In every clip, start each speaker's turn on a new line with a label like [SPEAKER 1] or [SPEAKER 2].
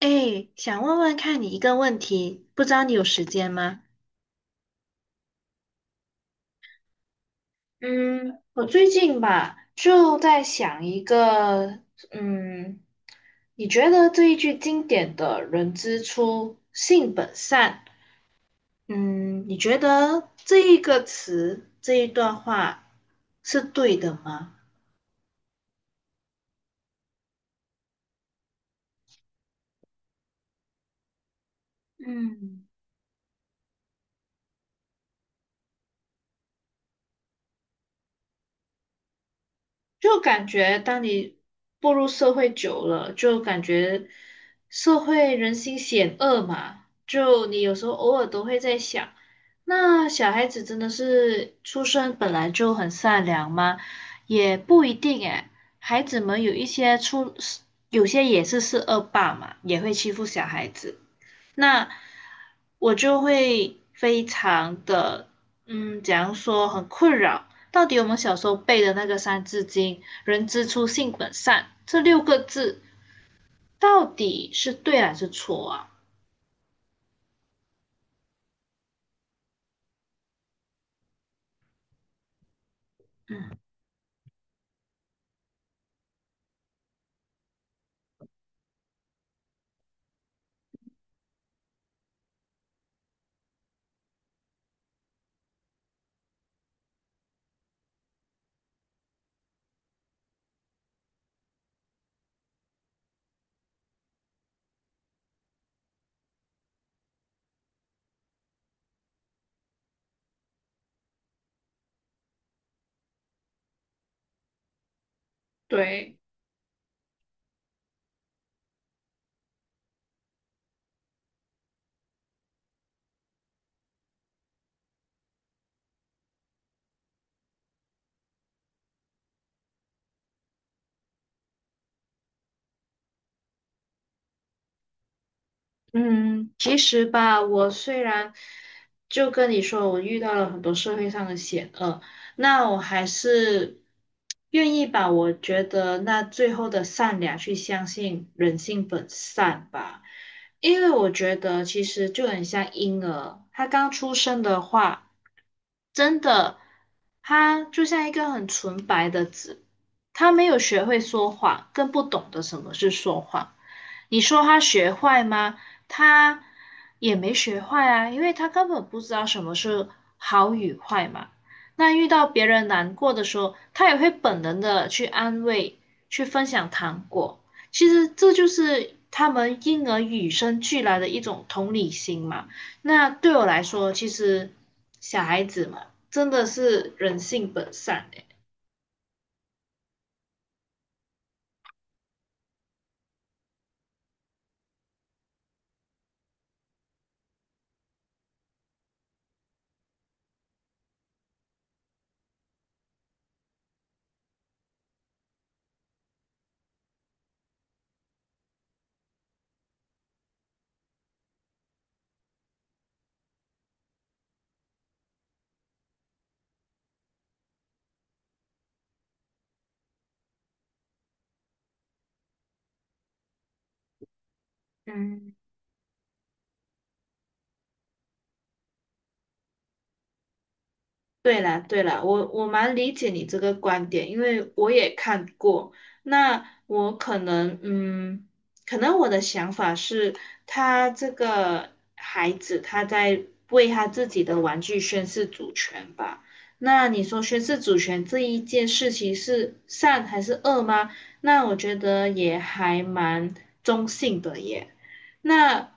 [SPEAKER 1] 哎，想问问看你一个问题，不知道你有时间吗？嗯，我最近吧就在想一个，嗯，你觉得这一句经典的“人之初，性本善”，嗯，你觉得这一个词，这一段话是对的吗？嗯。就感觉当你步入社会久了，就感觉社会人心险恶嘛，就你有时候偶尔都会在想，那小孩子真的是出生本来就很善良吗？也不一定诶，孩子们有一些出，有些也是恶霸嘛，也会欺负小孩子。那我就会非常的，假如说，很困扰。到底我们小时候背的那个《三字经》“人之初，性本善”这六个字，到底是对还是错啊？嗯，对，嗯，其实吧，我虽然就跟你说，我遇到了很多社会上的险恶，那我还是愿意把我觉得那最后的善良去相信人性本善吧，因为我觉得其实就很像婴儿，他刚出生的话，真的，他就像一个很纯白的纸，他没有学会说谎，更不懂得什么是说谎。你说他学坏吗？他也没学坏啊，因为他根本不知道什么是好与坏嘛。那遇到别人难过的时候，他也会本能的去安慰，去分享糖果。其实这就是他们婴儿与生俱来的一种同理心嘛。那对我来说，其实小孩子嘛，真的是人性本善诶。嗯，对了，对了，我蛮理解你这个观点，因为我也看过。那我可能，可能我的想法是，他这个孩子他在为他自己的玩具宣誓主权吧。那你说宣誓主权这一件事情是善还是恶吗？那我觉得也还蛮中性的耶。那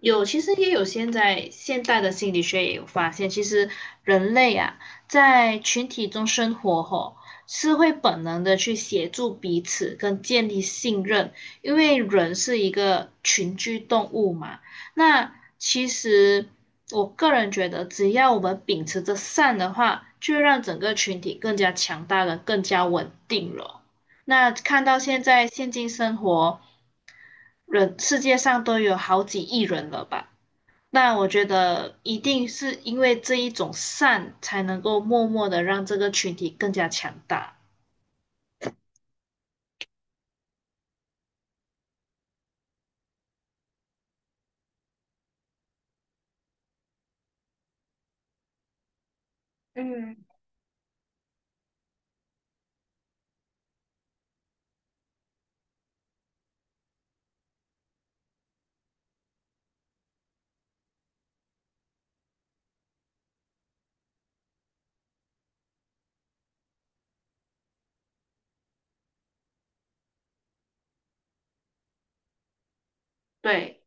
[SPEAKER 1] 有，其实也有现在现代的心理学也有发现，其实人类啊，在群体中生活后，是会本能的去协助彼此跟建立信任，因为人是一个群居动物嘛。那其实我个人觉得，只要我们秉持着善的话，就会让整个群体更加强大了，更加稳定了。那看到现在现今生活，人，世界上都有好几亿人了吧？那我觉得一定是因为这一种善，才能够默默的让这个群体更加强大。对，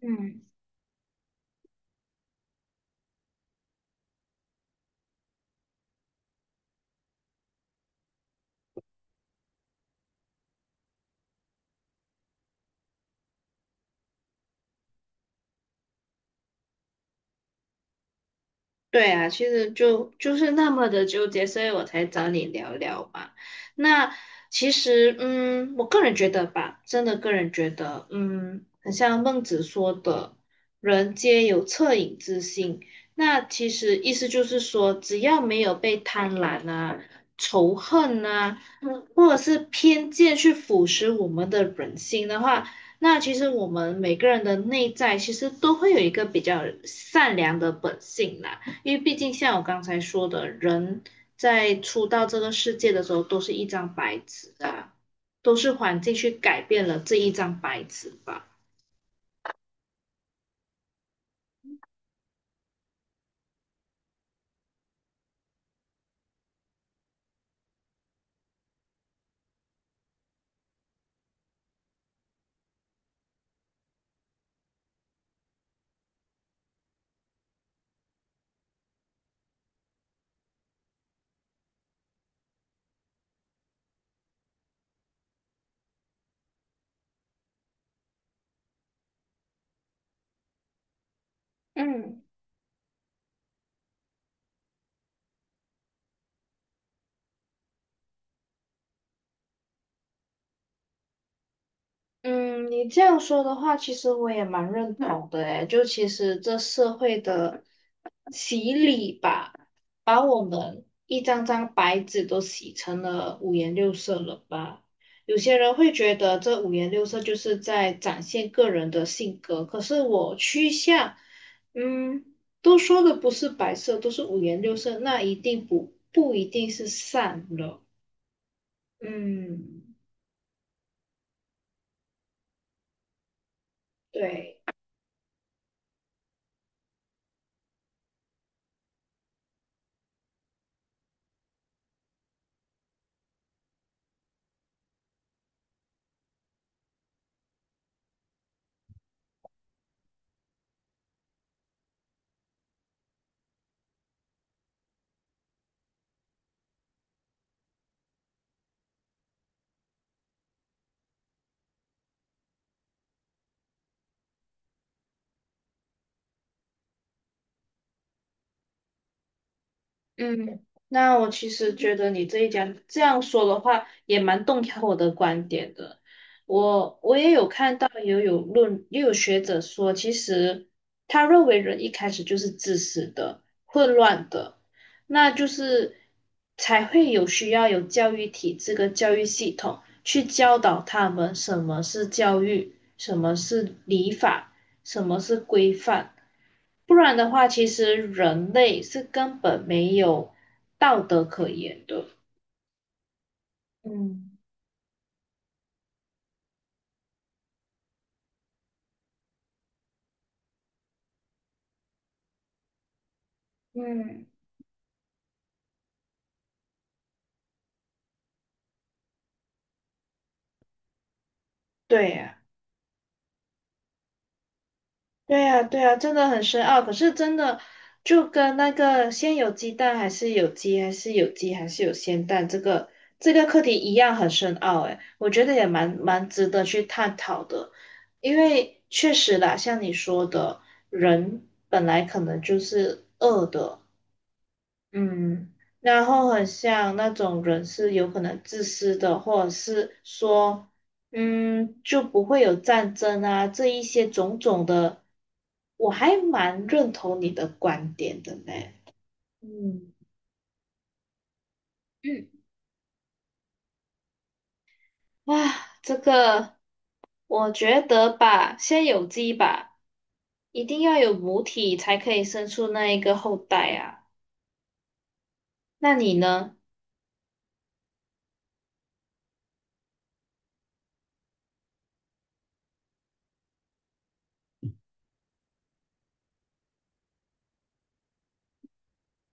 [SPEAKER 1] 嗯，对啊，其实就是那么的纠结，所以我才找你聊聊嘛。那其实，我个人觉得吧，真的个人觉得，很像孟子说的“人皆有恻隐之心”。那其实意思就是说，只要没有被贪婪啊、仇恨啊或者是偏见去腐蚀我们的人心的话，那其实我们每个人的内在其实都会有一个比较善良的本性啦。因为毕竟像我刚才说的，人在出到这个世界的时候都是一张白纸啊，都是环境去改变了这一张白纸吧。嗯。嗯，你这样说的话，其实我也蛮认同的诶，就其实这社会的洗礼吧，把我们一张张白纸都洗成了五颜六色了吧？有些人会觉得这五颜六色就是在展现个人的性格，可是我趋向，嗯，都说的不是白色，都是五颜六色，那一定不一定是善了，嗯，对。嗯，那我其实觉得你这一讲这样说的话，也蛮动摇我的观点的。我我也有看到，也有论，也有学者说，其实他认为人一开始就是自私的、混乱的，那就是才会有需要有教育体制跟教育系统去教导他们什么是教育，什么是礼法，什么是规范。不然的话，其实人类是根本没有道德可言的。嗯嗯，对呀，对呀，对呀，真的很深奥。可是真的就跟那个先有鸡蛋还是有鸡，还是有鸡还是有先蛋这个这个课题一样很深奥。诶，我觉得也蛮值得去探讨的，因为确实啦，像你说的，人本来可能就是恶的，嗯，然后很像那种人是有可能自私的，或者是说，就不会有战争啊，这一些种种的，我还蛮认同你的观点的呢。嗯，嗯，哇，这个我觉得吧，先有鸡吧，一定要有母体才可以生出那一个后代啊。那你呢？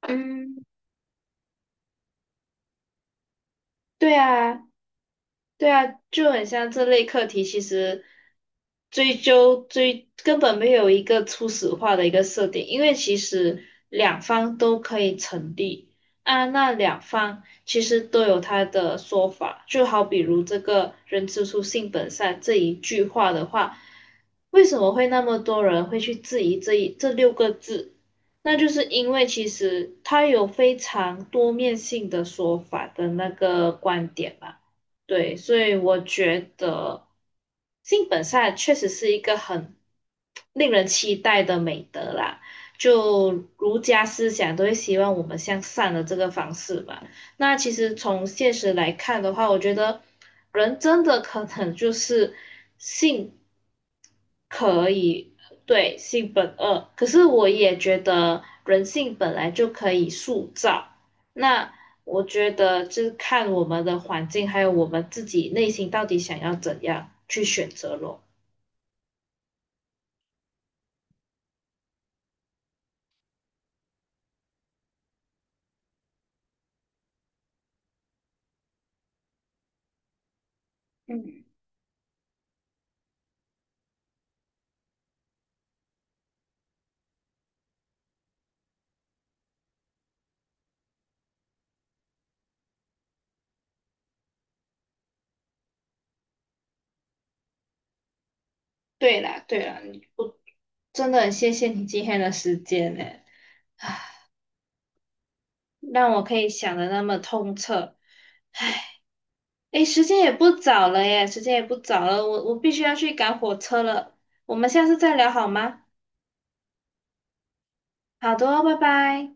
[SPEAKER 1] 嗯，对啊，对啊，就很像这类课题，其实追究追根本没有一个初始化的一个设定，因为其实两方都可以成立啊，那两方其实都有他的说法，就好比如这个“人之初，性本善”这一句话的话，为什么会那么多人会去质疑这六个字？那就是因为其实它有非常多面性的说法的那个观点嘛。对，所以我觉得性本善确实是一个很令人期待的美德啦。就儒家思想都会希望我们向善的这个方式嘛。那其实从现实来看的话，我觉得人真的可能就是性。可以，对，性本恶。可是我也觉得人性本来就可以塑造。那我觉得就是看我们的环境，还有我们自己内心到底想要怎样去选择咯。嗯，对啦，对啦，我真的很谢谢你今天的时间呢，让我可以想的那么通彻。诶，时间也不早了耶，时间也不早了，我必须要去赶火车了。我们下次再聊好吗？好的哦拜拜。